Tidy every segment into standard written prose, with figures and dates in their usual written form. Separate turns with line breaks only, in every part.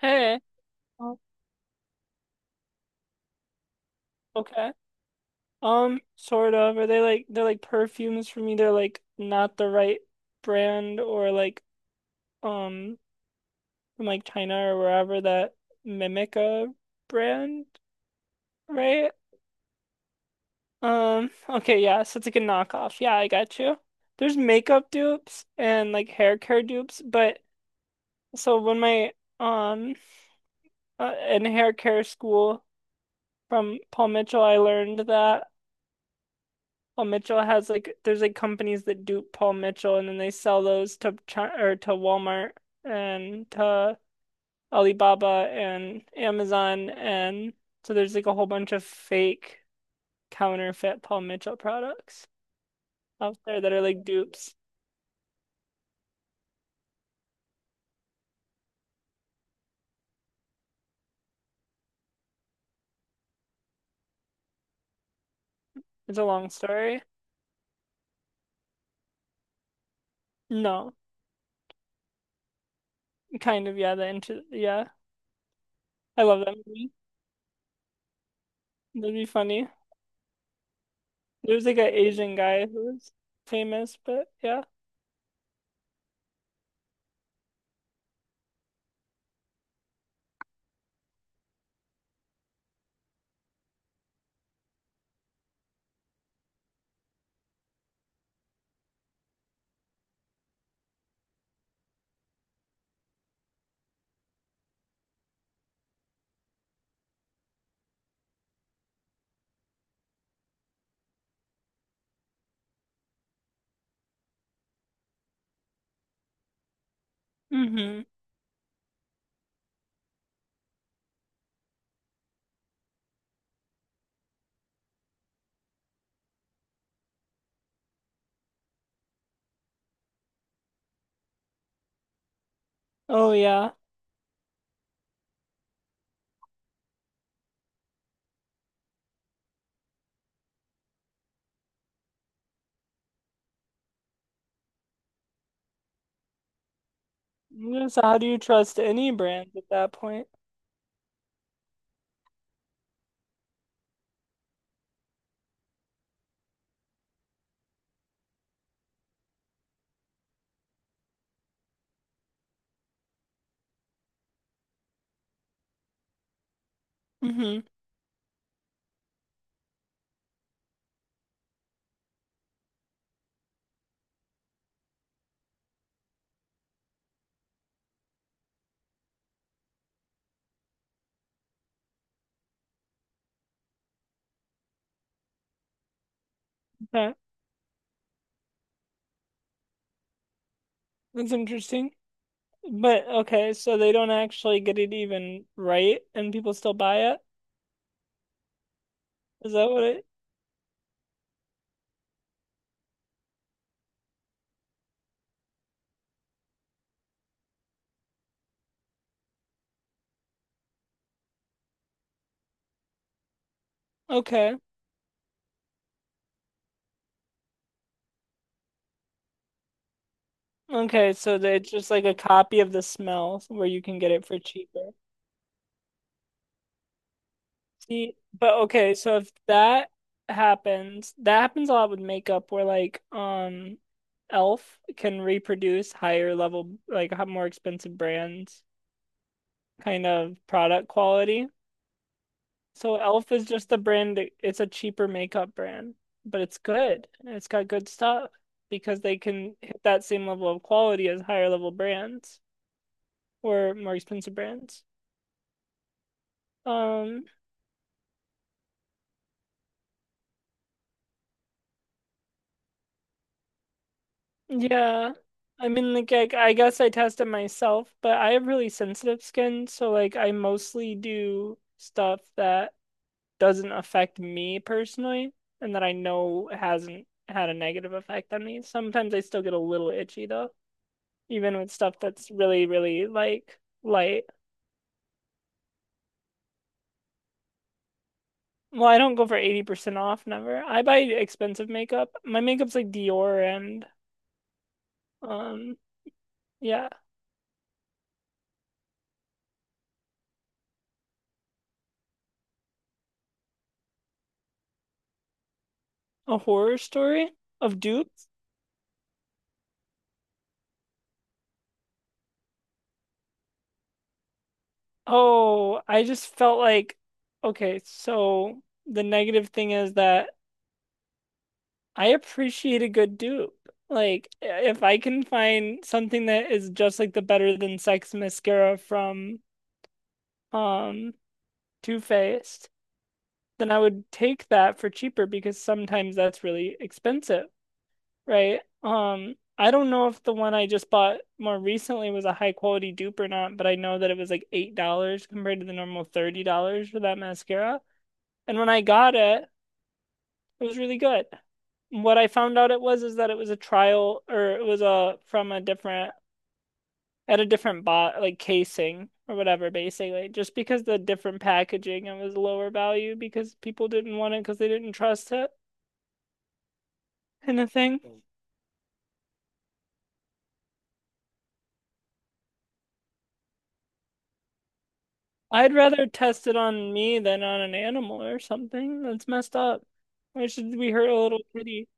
Hey. Oh, okay. Sort of. Are they like they're like perfumes for me? They're like not the right brand, or like um from like China or wherever, that mimic a brand, right? Okay, yeah, so it's like a knockoff. Yeah, I got you. There's makeup dupes and like hair care dupes, but so when my um in hair care school from Paul Mitchell, I learned that. Paul Mitchell has like there's like companies that dupe Paul Mitchell, and then they sell those to China or to Walmart and to Alibaba and Amazon, and so there's like a whole bunch of fake counterfeit Paul Mitchell products out there that are like dupes. It's a long story. No, kind of, yeah, the intro, yeah. I love that movie. That'd be funny. There's like an Asian guy who's famous, but yeah. Hmm. Oh yeah. So how do you trust any brand at that point? Hmm. Okay, that's interesting. But okay, so they don't actually get it even right and people still buy it? Is that what it? Okay. Okay, so it's just like a copy of the smell where you can get it for cheaper. See, but okay, so if that happens, that happens a lot with makeup where Elf can reproduce higher level, like more expensive brands kind of product quality. So Elf is just a brand, it's a cheaper makeup brand, but it's good and it's got good stuff because they can hit that same level of quality as higher level brands or more expensive brands. Um, yeah. I mean, like, I guess I test it myself, but I have really sensitive skin, so like I mostly do stuff that doesn't affect me personally and that I know hasn't had a negative effect on me. Sometimes I still get a little itchy though, even with stuff that's really, really like light. Well, I don't go for 80% off, never. I buy expensive makeup. My makeup's like Dior and um yeah, a horror story of dupes. Oh, I just felt like okay, so the negative thing is that I appreciate a good dupe. Like if I can find something that is just like the Better Than Sex mascara from um Too Faced, then I would take that for cheaper because sometimes that's really expensive, right? I don't know if the one I just bought more recently was a high quality dupe or not, but I know that it was like $8 compared to the normal $30 for that mascara. And when I got it, it was really good. What I found out it was is that it was a trial, or it was a from a different, at a different bot like casing or whatever, basically just because the different packaging it was lower value because people didn't want it because they didn't trust it kind of thing. I'd rather test it on me than on an animal or something. That's messed up. Why should we hurt a little kitty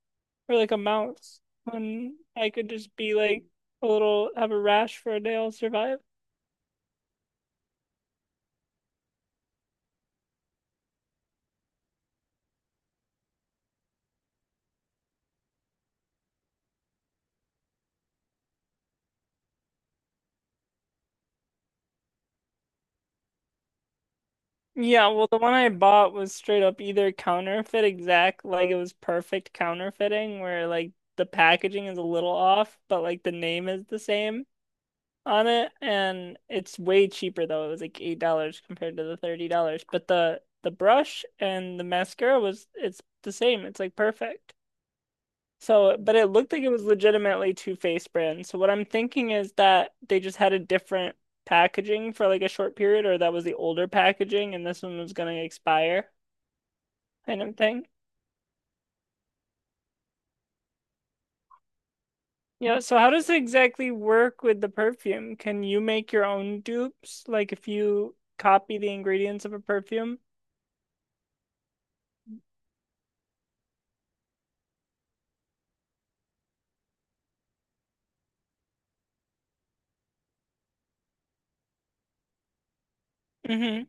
or like a mouse when I could just be like a little, have a rash for a day, I'll survive. Yeah, well, the one I bought was straight up either counterfeit exact, like it was perfect counterfeiting, where like the packaging is a little off, but like the name is the same on it, and it's way cheaper though. It was like $8 compared to the $30. But the brush and the mascara was, it's the same. It's like perfect. So, but it looked like it was legitimately Too Faced brand. So what I'm thinking is that they just had a different packaging for like a short period, or that was the older packaging and this one was gonna expire kind of thing. Yeah, so how does it exactly work with the perfume? Can you make your own dupes? Like if you copy the ingredients of a perfume? Hmm.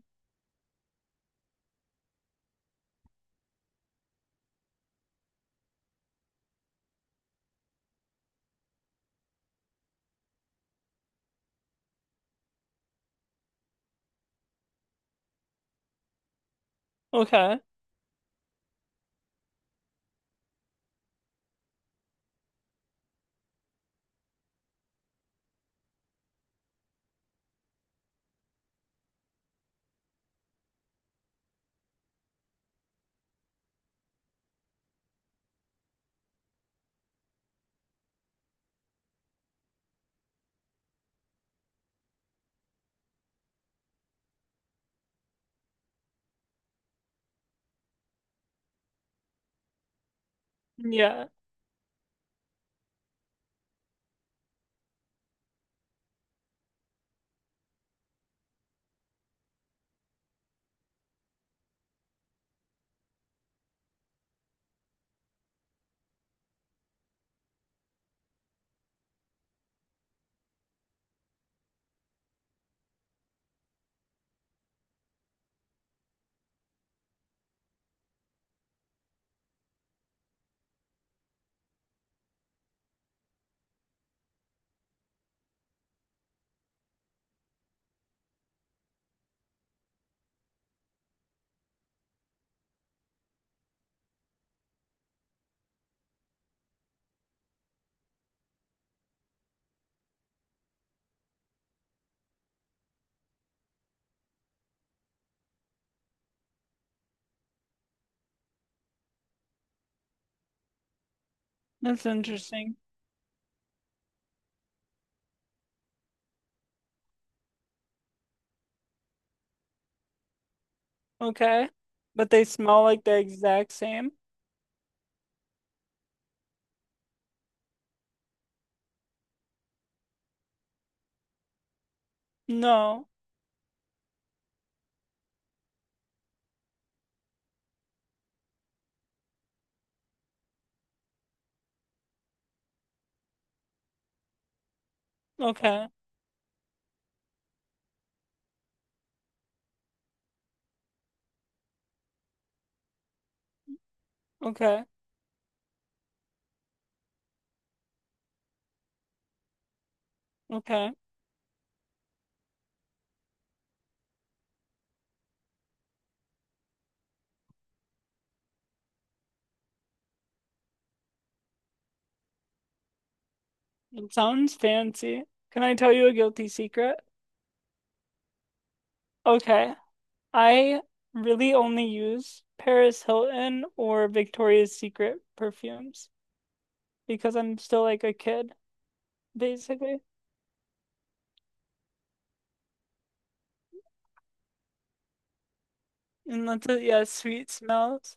Okay. Yeah, that's interesting. Okay. But they smell like the exact same? No. Okay. Okay. Okay. It sounds fancy. Can I tell you a guilty secret? Okay. I really only use Paris Hilton or Victoria's Secret perfumes because I'm still like a kid, basically. And that's it. Yeah, sweet smells.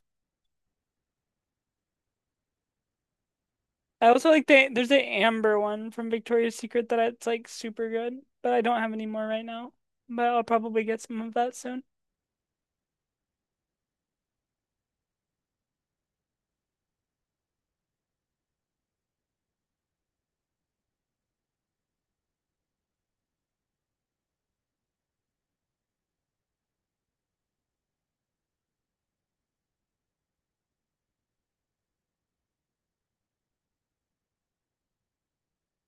I also like there's the amber one from Victoria's Secret that it's like super good, but I don't have any more right now. But I'll probably get some of that soon.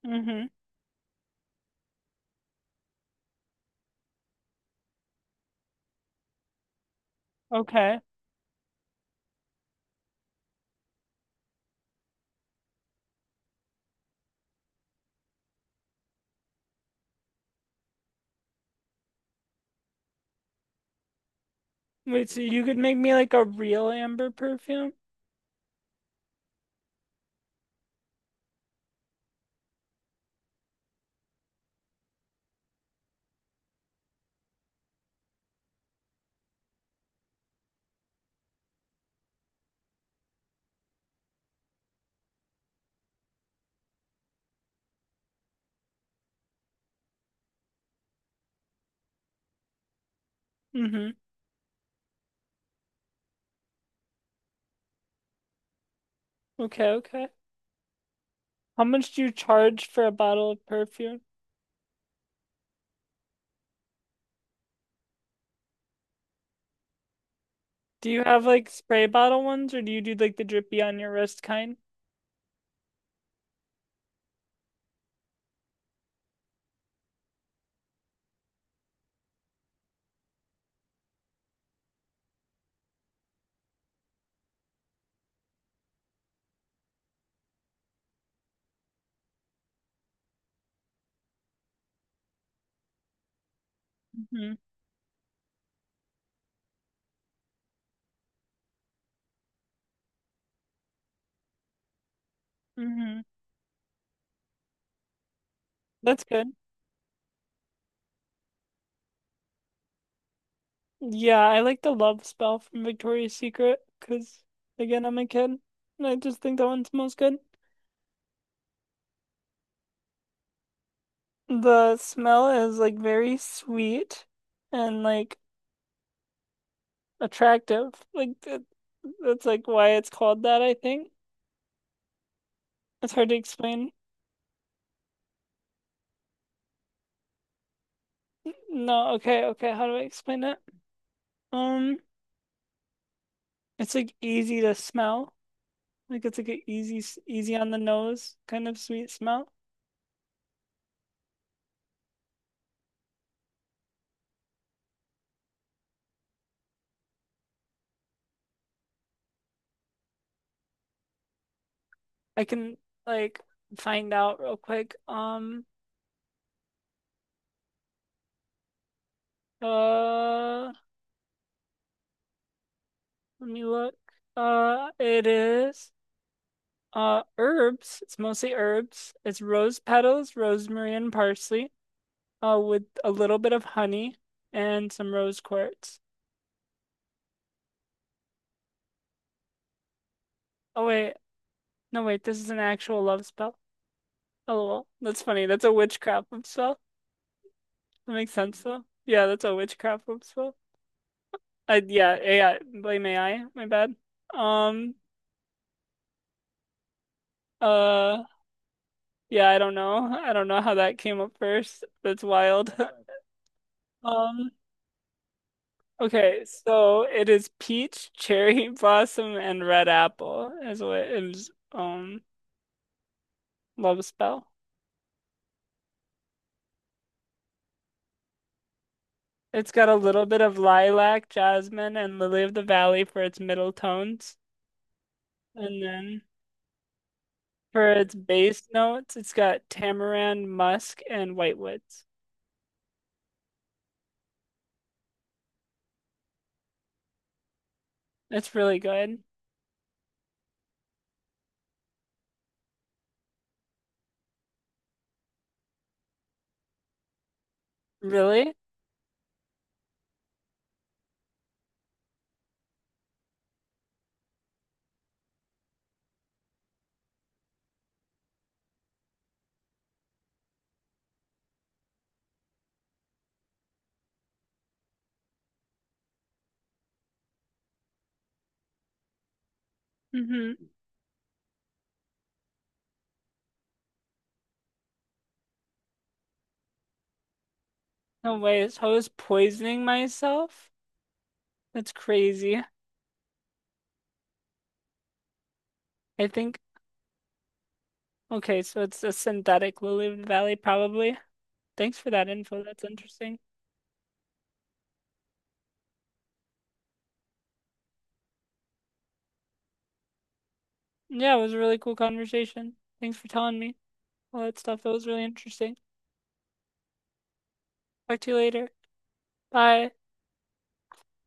Mm-hmm. Okay. Wait, so you could make me like a real amber perfume? Mm-hmm. Okay, okay. How much do you charge for a bottle of perfume? Do you have like spray bottle ones, or do you do like the drippy on your wrist kind? Mm-hmm. Mm-hmm. That's good. Yeah, I like the love spell from Victoria's Secret because again, I'm a kid and I just think that one smells good. The smell is like very sweet and like attractive. Like that, that's like why it's called that, I think. It's hard to explain. No, okay, okay. How do I explain it? Um, it's like easy to smell. Like it's like an easy, easy on the nose kind of sweet smell. I can like find out real quick. Uh, Let me look. It is. Herbs. It's mostly herbs. It's rose petals, rosemary, and parsley. With a little bit of honey and some rose quartz. Oh wait, no wait. This is an actual love spell. Oh well, that's funny. That's a witchcraft love spell. That makes sense though. Yeah, that's a witchcraft love spell. I yeah AI. Blame AI. My bad. Um. Uh. Yeah, I don't know. I don't know how that came up first. That's wild. Um. Okay, so it is peach, cherry blossom, and red apple is what is love spell. It's got a little bit of lilac, jasmine, and lily of the valley for its middle tones. And then for its bass notes, it's got tamarind, musk, and whitewoods. That's really good. Really? Mm-hmm. No way. So I was poisoning myself? That's crazy. I think, okay, so it's a synthetic lily of the valley, probably. Thanks for that info. That's interesting. Yeah, it was a really cool conversation. Thanks for telling me all that stuff. That was really interesting. Talk to you later. Bye.